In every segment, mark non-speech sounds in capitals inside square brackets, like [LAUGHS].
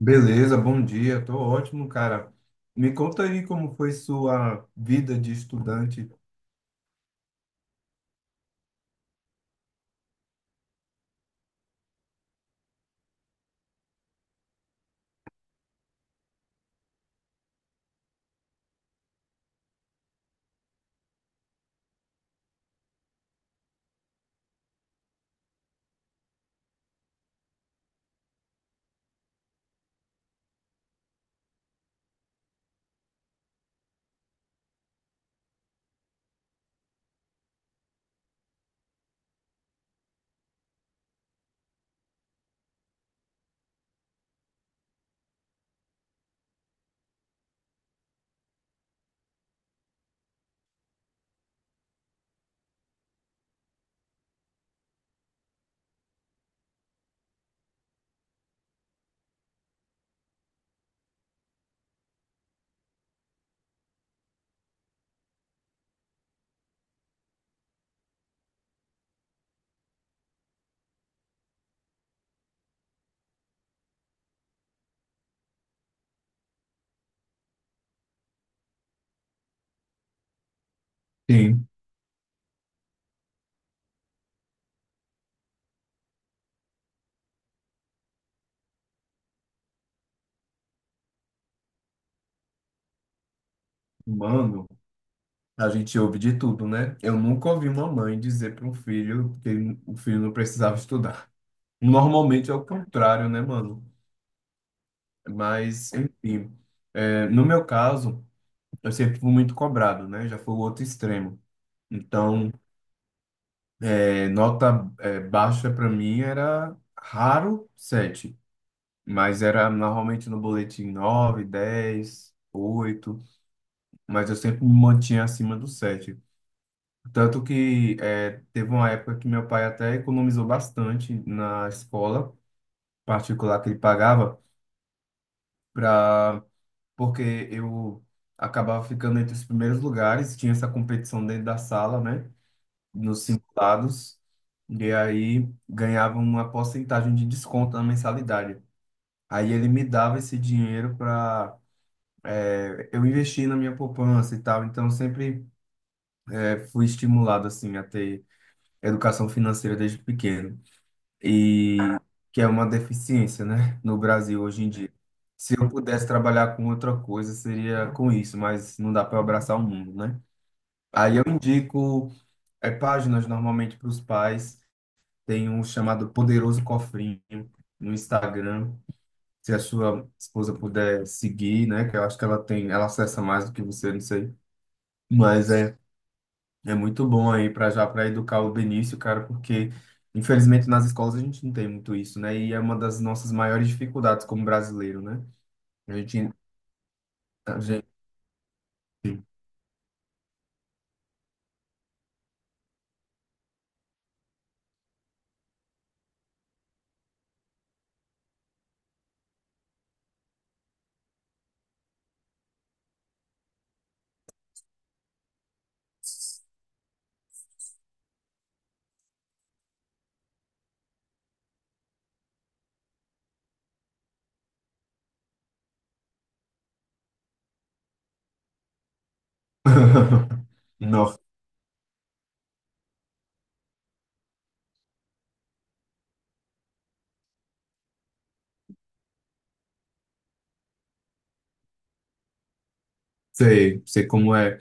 Beleza, bom dia, tô ótimo, cara. Me conta aí como foi sua vida de estudante. Sim. Mano, a gente ouve de tudo, né? Eu nunca ouvi uma mãe dizer para um filho que o filho não precisava estudar. Normalmente é o contrário, né, mano? Mas, enfim, no meu caso, eu sempre fui muito cobrado, né? Já foi o outro extremo. Então, nota, baixa para mim era raro sete. Mas era normalmente no boletim 9, 10, 8, mas eu sempre me mantinha acima do sete. Tanto que teve uma época que meu pai até economizou bastante na escola particular que ele pagava, pra, porque eu acabava ficando entre os primeiros lugares, tinha essa competição dentro da sala, né, nos simulados, e aí ganhava uma porcentagem de desconto na mensalidade. Aí ele me dava esse dinheiro para eu investi na minha poupança e tal, então sempre fui estimulado assim a ter educação financeira desde pequeno e que é uma deficiência, né, no Brasil hoje em dia. Se eu pudesse trabalhar com outra coisa seria com isso, mas não dá para abraçar o mundo, né? Aí eu indico páginas normalmente para os pais, tem um chamado Poderoso Cofrinho no Instagram. Se a sua esposa puder seguir, né? Que eu acho que ela tem, ela acessa mais do que você, não sei. Mas é é muito bom aí para já para educar o Benício, cara, porque infelizmente nas escolas a gente não tem muito isso, né? E é uma das nossas maiores dificuldades como brasileiro, né? A gente, a gente... [LAUGHS] Não, sei, sei como é.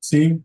Sim,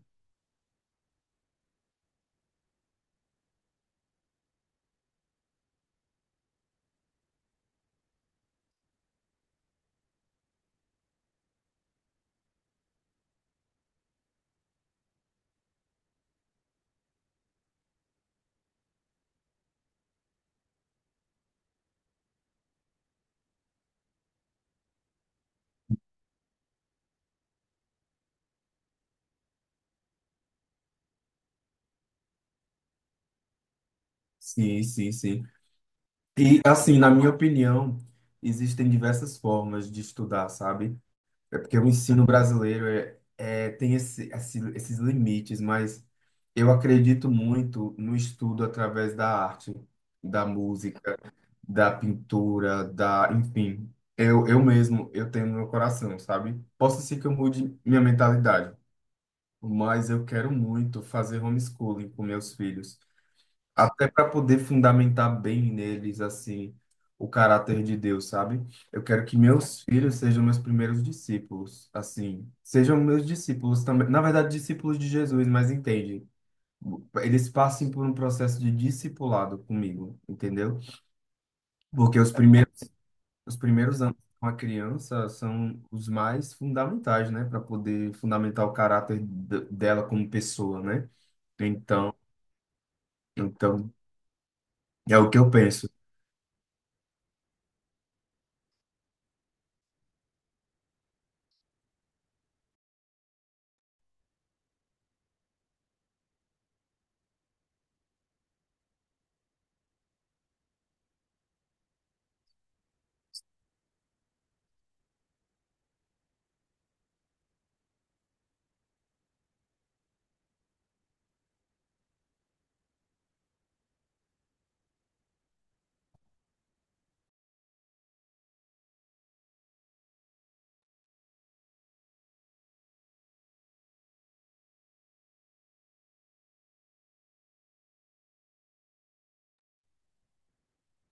sim, sim, sim. E assim, na minha opinião, existem diversas formas de estudar, sabe? É porque o ensino brasileiro tem esses limites, mas eu acredito muito no estudo através da arte, da música, da pintura, da, enfim. Eu mesmo, eu tenho no meu coração, sabe? Posso ser que eu mude minha mentalidade, mas eu quero muito fazer homeschooling com meus filhos. Até para poder fundamentar bem neles, assim, o caráter de Deus, sabe? Eu quero que meus filhos sejam meus primeiros discípulos, assim, sejam meus discípulos também, na verdade, discípulos de Jesus, mas entende? Eles passem por um processo de discipulado comigo, entendeu? Porque os primeiros anos com a criança são os mais fundamentais, né, para poder fundamentar o caráter dela como pessoa, né? Então, então, é o que eu penso.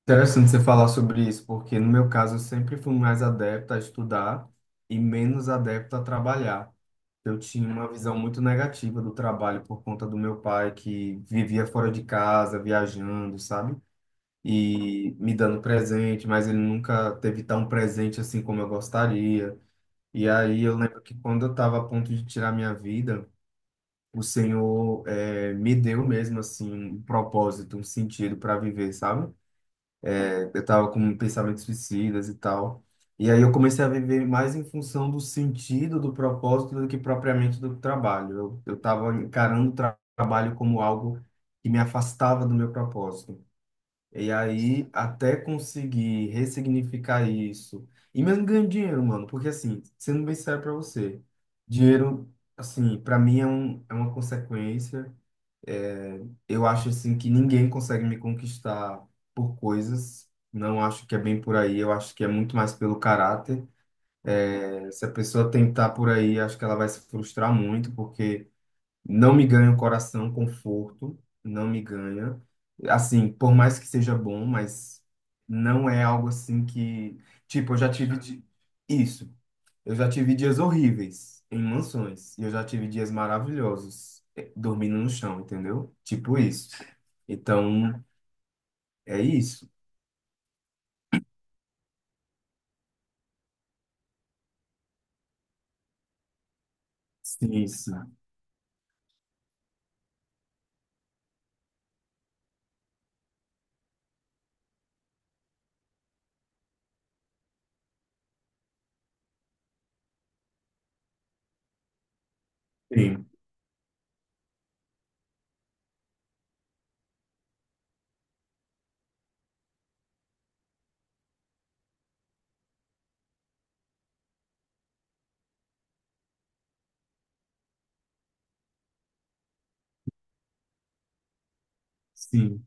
Interessante você falar sobre isso, porque no meu caso eu sempre fui mais adepto a estudar e menos adepto a trabalhar. Eu tinha uma visão muito negativa do trabalho por conta do meu pai que vivia fora de casa, viajando, sabe? E me dando presente, mas ele nunca teve tão presente assim como eu gostaria. E aí eu lembro que quando eu estava a ponto de tirar minha vida, o Senhor me deu mesmo assim um propósito, um sentido para viver, sabe? Eu tava com pensamentos suicidas e tal. E aí eu comecei a viver mais em função do sentido, do propósito, do que propriamente do trabalho. Eu tava encarando o trabalho como algo que me afastava do meu propósito. E aí, até conseguir ressignificar isso. E mesmo ganhando dinheiro, mano. Porque, assim, sendo bem sério pra você, dinheiro, assim, pra mim é uma consequência. É, eu acho assim que ninguém consegue me conquistar por coisas. Não acho que é bem por aí. Eu acho que é muito mais pelo caráter. Se a pessoa tentar por aí, acho que ela vai se frustrar muito, porque não me ganha o coração, conforto, não me ganha. Assim, por mais que seja bom, mas não é algo assim que, tipo, eu já tive de... isso. Eu já tive dias horríveis em mansões e eu já tive dias maravilhosos dormindo no chão, entendeu? Tipo isso. Então, é isso. Sim, sim, sim, sim,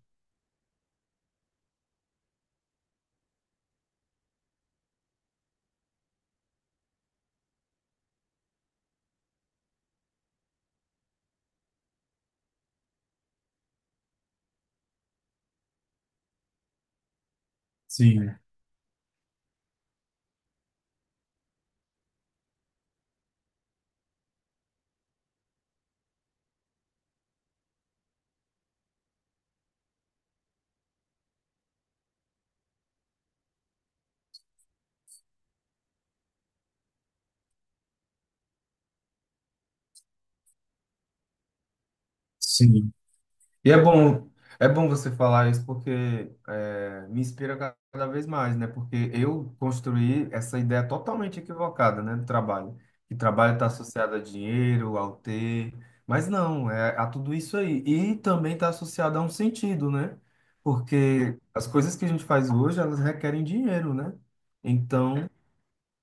sim, sim. E é bom você falar isso porque é, me inspira cada vez mais, né? Porque eu construí essa ideia totalmente equivocada, né, do trabalho. Que trabalho está associado a dinheiro, ao ter, mas não, é a tudo isso aí. E também está associado a um sentido, né? Porque as coisas que a gente faz hoje, elas requerem dinheiro, né? Então,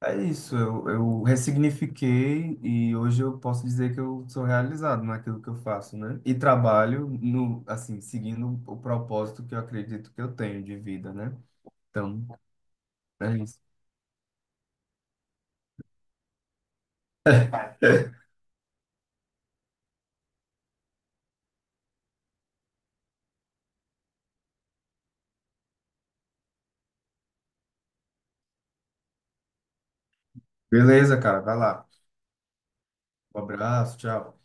é isso, eu ressignifiquei e hoje eu posso dizer que eu sou realizado naquilo que eu faço, né? E trabalho no, assim, seguindo o propósito que eu acredito que eu tenho de vida, né? Então, é isso. Beleza, cara, vai lá. Um abraço, tchau.